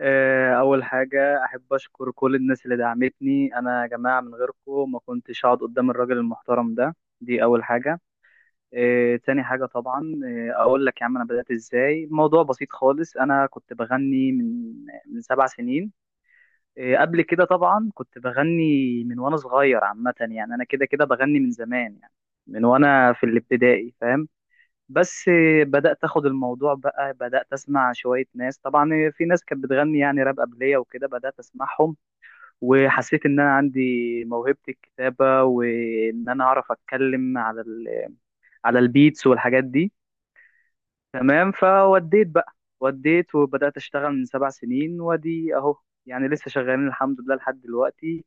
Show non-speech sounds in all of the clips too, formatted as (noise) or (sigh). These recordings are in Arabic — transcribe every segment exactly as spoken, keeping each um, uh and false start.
آه، أول حاجة أحب أشكر كل الناس اللي دعمتني، أنا يا جماعة من غيركم ما كنتش هقعد قدام الراجل المحترم ده. دي أول حاجة. آه، تاني حاجة طبعا، آه، أقول لك يا عم. أنا بدأت إزاي؟ الموضوع بسيط خالص. أنا كنت بغني من من سبع سنين. آه، قبل كده طبعا كنت بغني من وأنا صغير، عامة يعني أنا كده كده بغني من زمان يعني، من وأنا في الابتدائي، فاهم. بس بدأت أخد الموضوع بقى، بدأت أسمع شوية ناس، طبعا في ناس كانت بتغني يعني راب قبلية وكده، بدأت أسمعهم. وحسيت إن أنا عندي موهبة الكتابة، وإن أنا أعرف أتكلم على ال على البيتس والحاجات دي. تمام. فوديت بقى، وديت وبدأت أشتغل من سبع سنين وأدي أهو. يعني لسه شغالين الحمد لله لحد دلوقتي.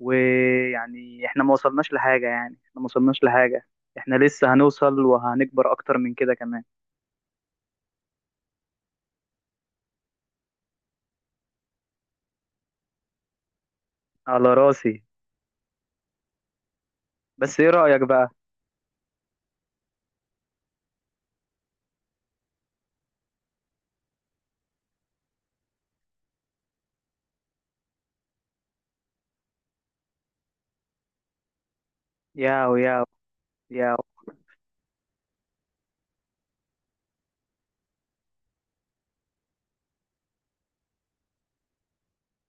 ويعني إحنا ما وصلناش لحاجة، يعني إحنا ما وصلناش لحاجة، إحنا لسه هنوصل وهنكبر أكتر من كده كمان. على راسي. بس ايه رأيك بقى؟ ياو، ياو، ياو.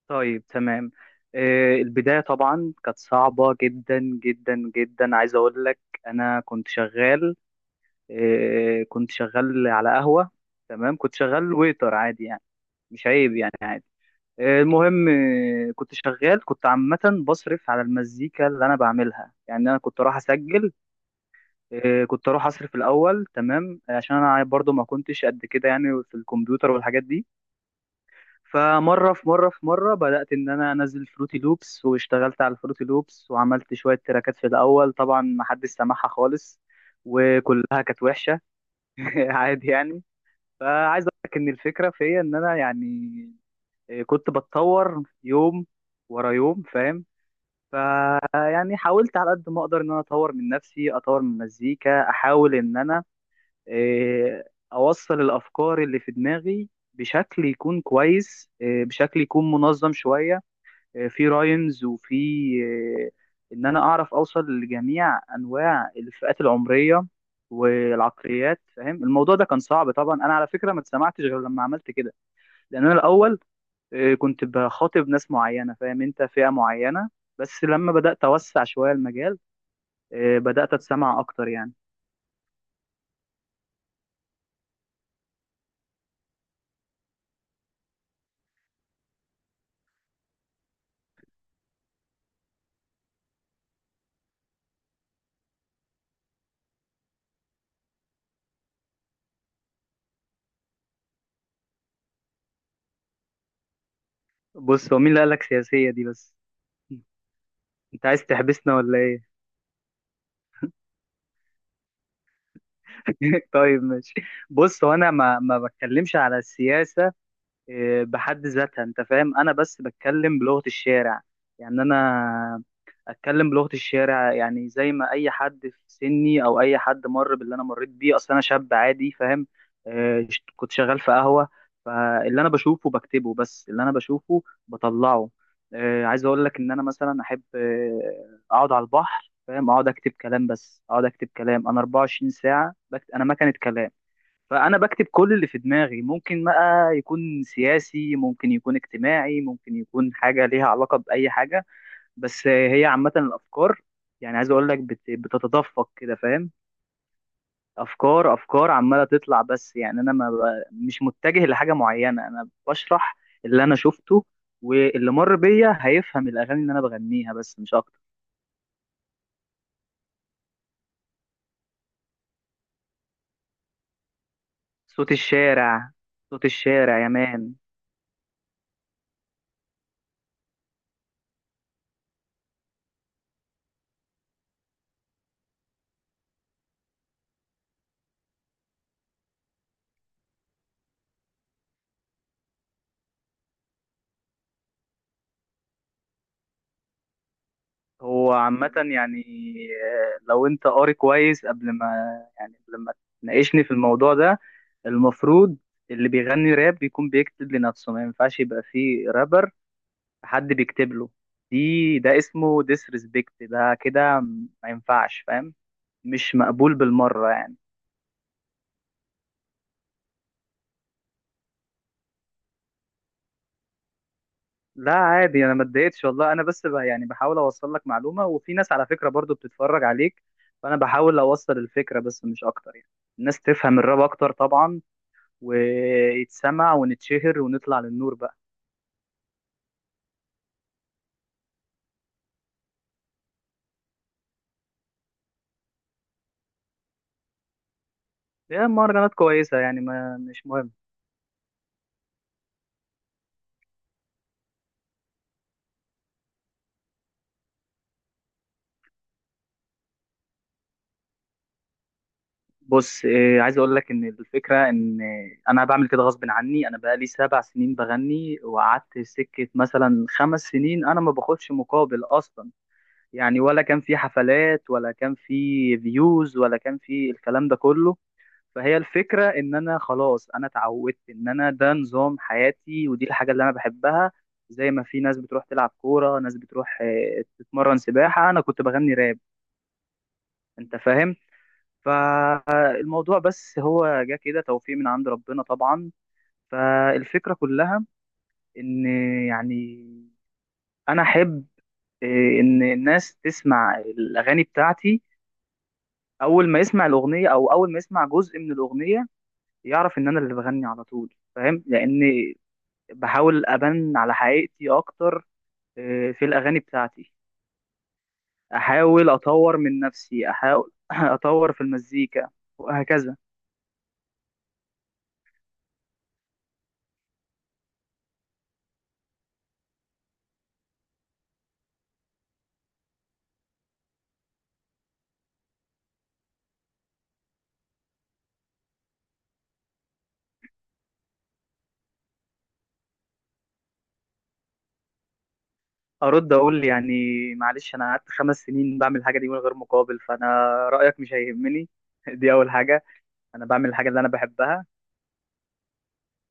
طيب تمام. آه، البداية طبعا كانت صعبة جدا جدا جدا، عايز اقول لك. انا كنت شغال، آه، كنت شغال على قهوة. تمام، كنت شغال ويتر عادي يعني. مش عيب يعني، عادي. آه، المهم، آه، كنت شغال كنت عامة بصرف على المزيكا اللي أنا بعملها، يعني أنا كنت أروح أسجل. آه، كنت أروح أصرف الأول تمام، عشان أنا برضو ما كنتش قد كده يعني في الكمبيوتر والحاجات دي. فمره في مره في مره بدات ان انا انزل فروتي لوبس، واشتغلت على الفروتي لوبس وعملت شويه تراكات في الاول، طبعا ما حدش سمعها خالص. وكلها كانت وحشه. (laughs) عادي يعني. فعايز اقول لك ان الفكره فيا ان انا يعني، آه، كنت بتطور يوم ورا يوم، فاهم. فيعني حاولت على قد ما اقدر ان انا اطور من نفسي، اطور من المزيكا، احاول ان انا إيه، اوصل الافكار اللي في دماغي بشكل يكون كويس، إيه، بشكل يكون منظم شويه، في راينز وفي آه، ان انا اعرف اوصل لجميع انواع الفئات العمريه والعقليات، فاهم. الموضوع ده كان صعب طبعا، انا على فكره ما اتسمعتش غير لما عملت كده. لان انا الاول آه، كنت بخاطب ناس معينه، فاهم انت، فئه معينه. بس لما بدات اوسع شويه المجال، آه، بدات اتسمع اكتر يعني. بص، هو مين اللي قالك سياسيه دي بس؟ (laughs) انت عايز تحبسنا ولا ايه؟ (laughs) طيب ماشي. بص، هو انا ما ما بتكلمش على السياسه إيه، بحد ذاتها، انت فاهم. انا بس بتكلم بلغة الشارع، يعني انا اتكلم بلغة الشارع، يعني زي ما اي حد في سني او اي حد مر باللي انا مريت بيه. اصل انا شاب عادي، فاهم. إيه، ش- كنت شغال في قهوة. فاللي انا بشوفه بكتبه، بس اللي انا بشوفه بطلعه. إيه، عايز اقول لك ان انا مثلا احب إيه، اقعد على البحر، فاهم، اقعد اكتب كلام، بس اقعد اكتب كلام. انا 24 ساعة بكتب، انا مكنة كلام. فانا بكتب كل اللي في دماغي، ممكن بقى يكون سياسي، ممكن يكون اجتماعي، ممكن يكون حاجه ليها علاقه باي حاجه. بس هي عامه الافكار، يعني عايز اقول لك بت- بتتدفق كده، فاهم. افكار افكار عماله تطلع، بس يعني انا ما ب- مش متجه لحاجه معينه، انا بشرح اللي انا شفته. واللي مر بيا هيفهم الاغاني اللي انا بغنيها، بس مش اكتر. صوت الشارع. صوت الشارع يا مان. هو عامة يعني، آه، لو انت قاري كويس قبل ما يعني قبل ما تناقشني في الموضوع ده. المفروض اللي بيغني راب بيكون بيكتب لنفسه، ما ينفعش يبقى فيه رابر حد بيكتب له. دي ده اسمه ديسريسبكت ده كده، ما ينفعش فاهم، مش مقبول بالمرة يعني. لا عادي، انا ما اتضايقتش والله. انا بس بقى يعني بحاول اوصل لك معلومة، وفي ناس على فكرة برضو بتتفرج عليك، فانا بحاول اوصل الفكرة بس مش اكتر يعني. الناس تفهم الراب اكتر طبعا، ويتسمع ونتشهر ونطلع للنور بقى. هي مهرجانات كويسة يعني، ما مش مهم. بص إيه عايز اقول لك. ان الفكرة ان انا بعمل كده غصب عني، انا بقالي سبع سنين بغني، وقعدت سكة مثلا خمس سنين انا ما باخدش مقابل اصلا. يعني ولا كان في حفلات ولا كان في فيوز ولا كان في الكلام ده كله. فهي الفكرة ان انا خلاص، انا اتعودت ان انا ده نظام حياتي ودي الحاجة اللي انا بحبها. زي ما في ناس بتروح تلعب كورة، ناس بتروح آه، تتمرن سباحة، انا كنت بغني راب. انت فاهم. فالموضوع بس هو جه كده توفيق من عند ربنا طبعا. فالفكرة كلها، ان يعني انا احب آه، ان الناس تسمع الاغاني بتاعتي. اول ما يسمع الاغنية، او اول ما يسمع جزء من الاغنية، يعرف ان انا اللي بغني على طول، فاهم، لان بحاول ابان على حقيقتي اكتر آه، في الاغاني بتاعتي. احاول اطور من نفسي، احاول (clears throat) (laughs) اطور في المزيكا، وهكذا. ارد اقول يعني، معلش انا قعدت خمس سنين بعمل الحاجه دي من غير مقابل، فانا رايك مش هيهمني. (laughs) دي اول حاجه. انا بعمل الحاجه اللي انا بحبها.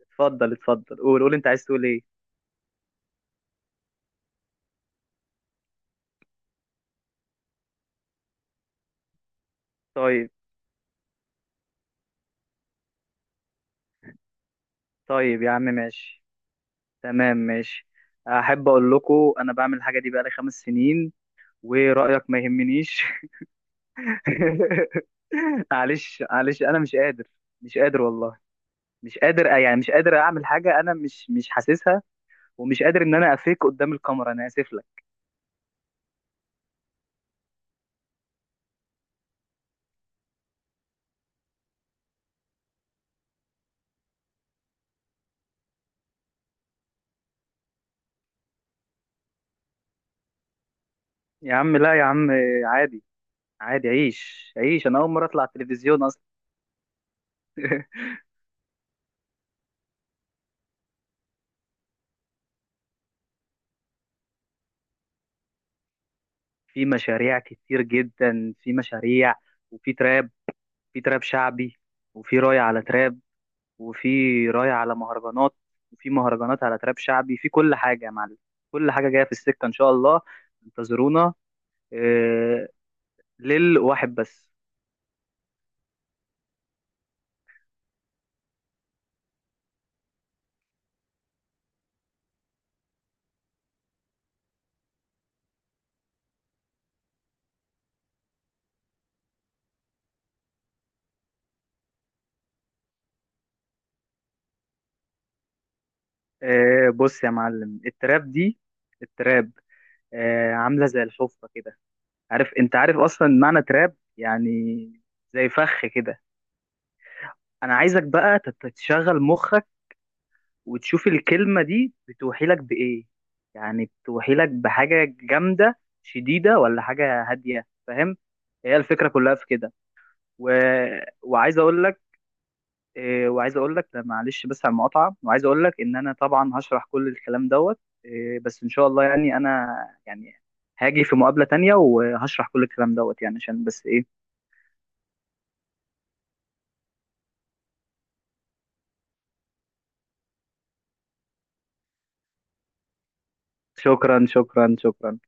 اتفضل اتفضل، قول قول، انت عايز تقول ايه. طيب طيب يا عم، ماشي. تمام ماشي. احب اقول لكم انا بعمل الحاجه دي بقالي خمس سنين، ورايك ما يهمنيش. (laughs) (laughs) معلش معلش، انا مش قادر، مش قادر والله. مش قادر آه، يعني مش قادر اعمل حاجه انا مش مش حاسسها، ومش قادر ان انا افيك قدام الكاميرا، انا اسف لك. يا عم لا، يا عم عادي عادي، عيش عيش، انا اول مره اطلع التلفزيون اصلا. (laughs) في مشاريع كتير جدا، في مشاريع، وفي تراب، في تراب شعبي، وفي راي على تراب، وفي راي على مهرجانات، وفي مهرجانات على تراب شعبي، في كل حاجه يا معلم، كل حاجه جايه في السكه ان شاء الله. انتظرونا. آه، للواحد بس. آه بص يا معلم، التراب دي التراب آه عاملة زي الحفرة كده. عارف، انت عارف اصلا معنى تراب يعني، زي فخ كده. انا عايزك بقى تت- تشغل مخك، وتشوف الكلمة دي بتوحي لك بإيه. يعني بتوحي لك بحاجة جامدة شديدة ولا حاجة هادية، فاهم. هي الفكرة كلها في كده. و... وعايز اقول لك، إيه، وعايز اقول لك معلش بس على المقاطعه، وعايز اقول لك ان انا طبعا هشرح كل الكلام دوت. إيه، بس ان شاء الله يعني انا، يعني هاجي في مقابله تانية وهشرح كل الكلام دوت يعني، عشان بس ايه. شكرا شكرا شكرا.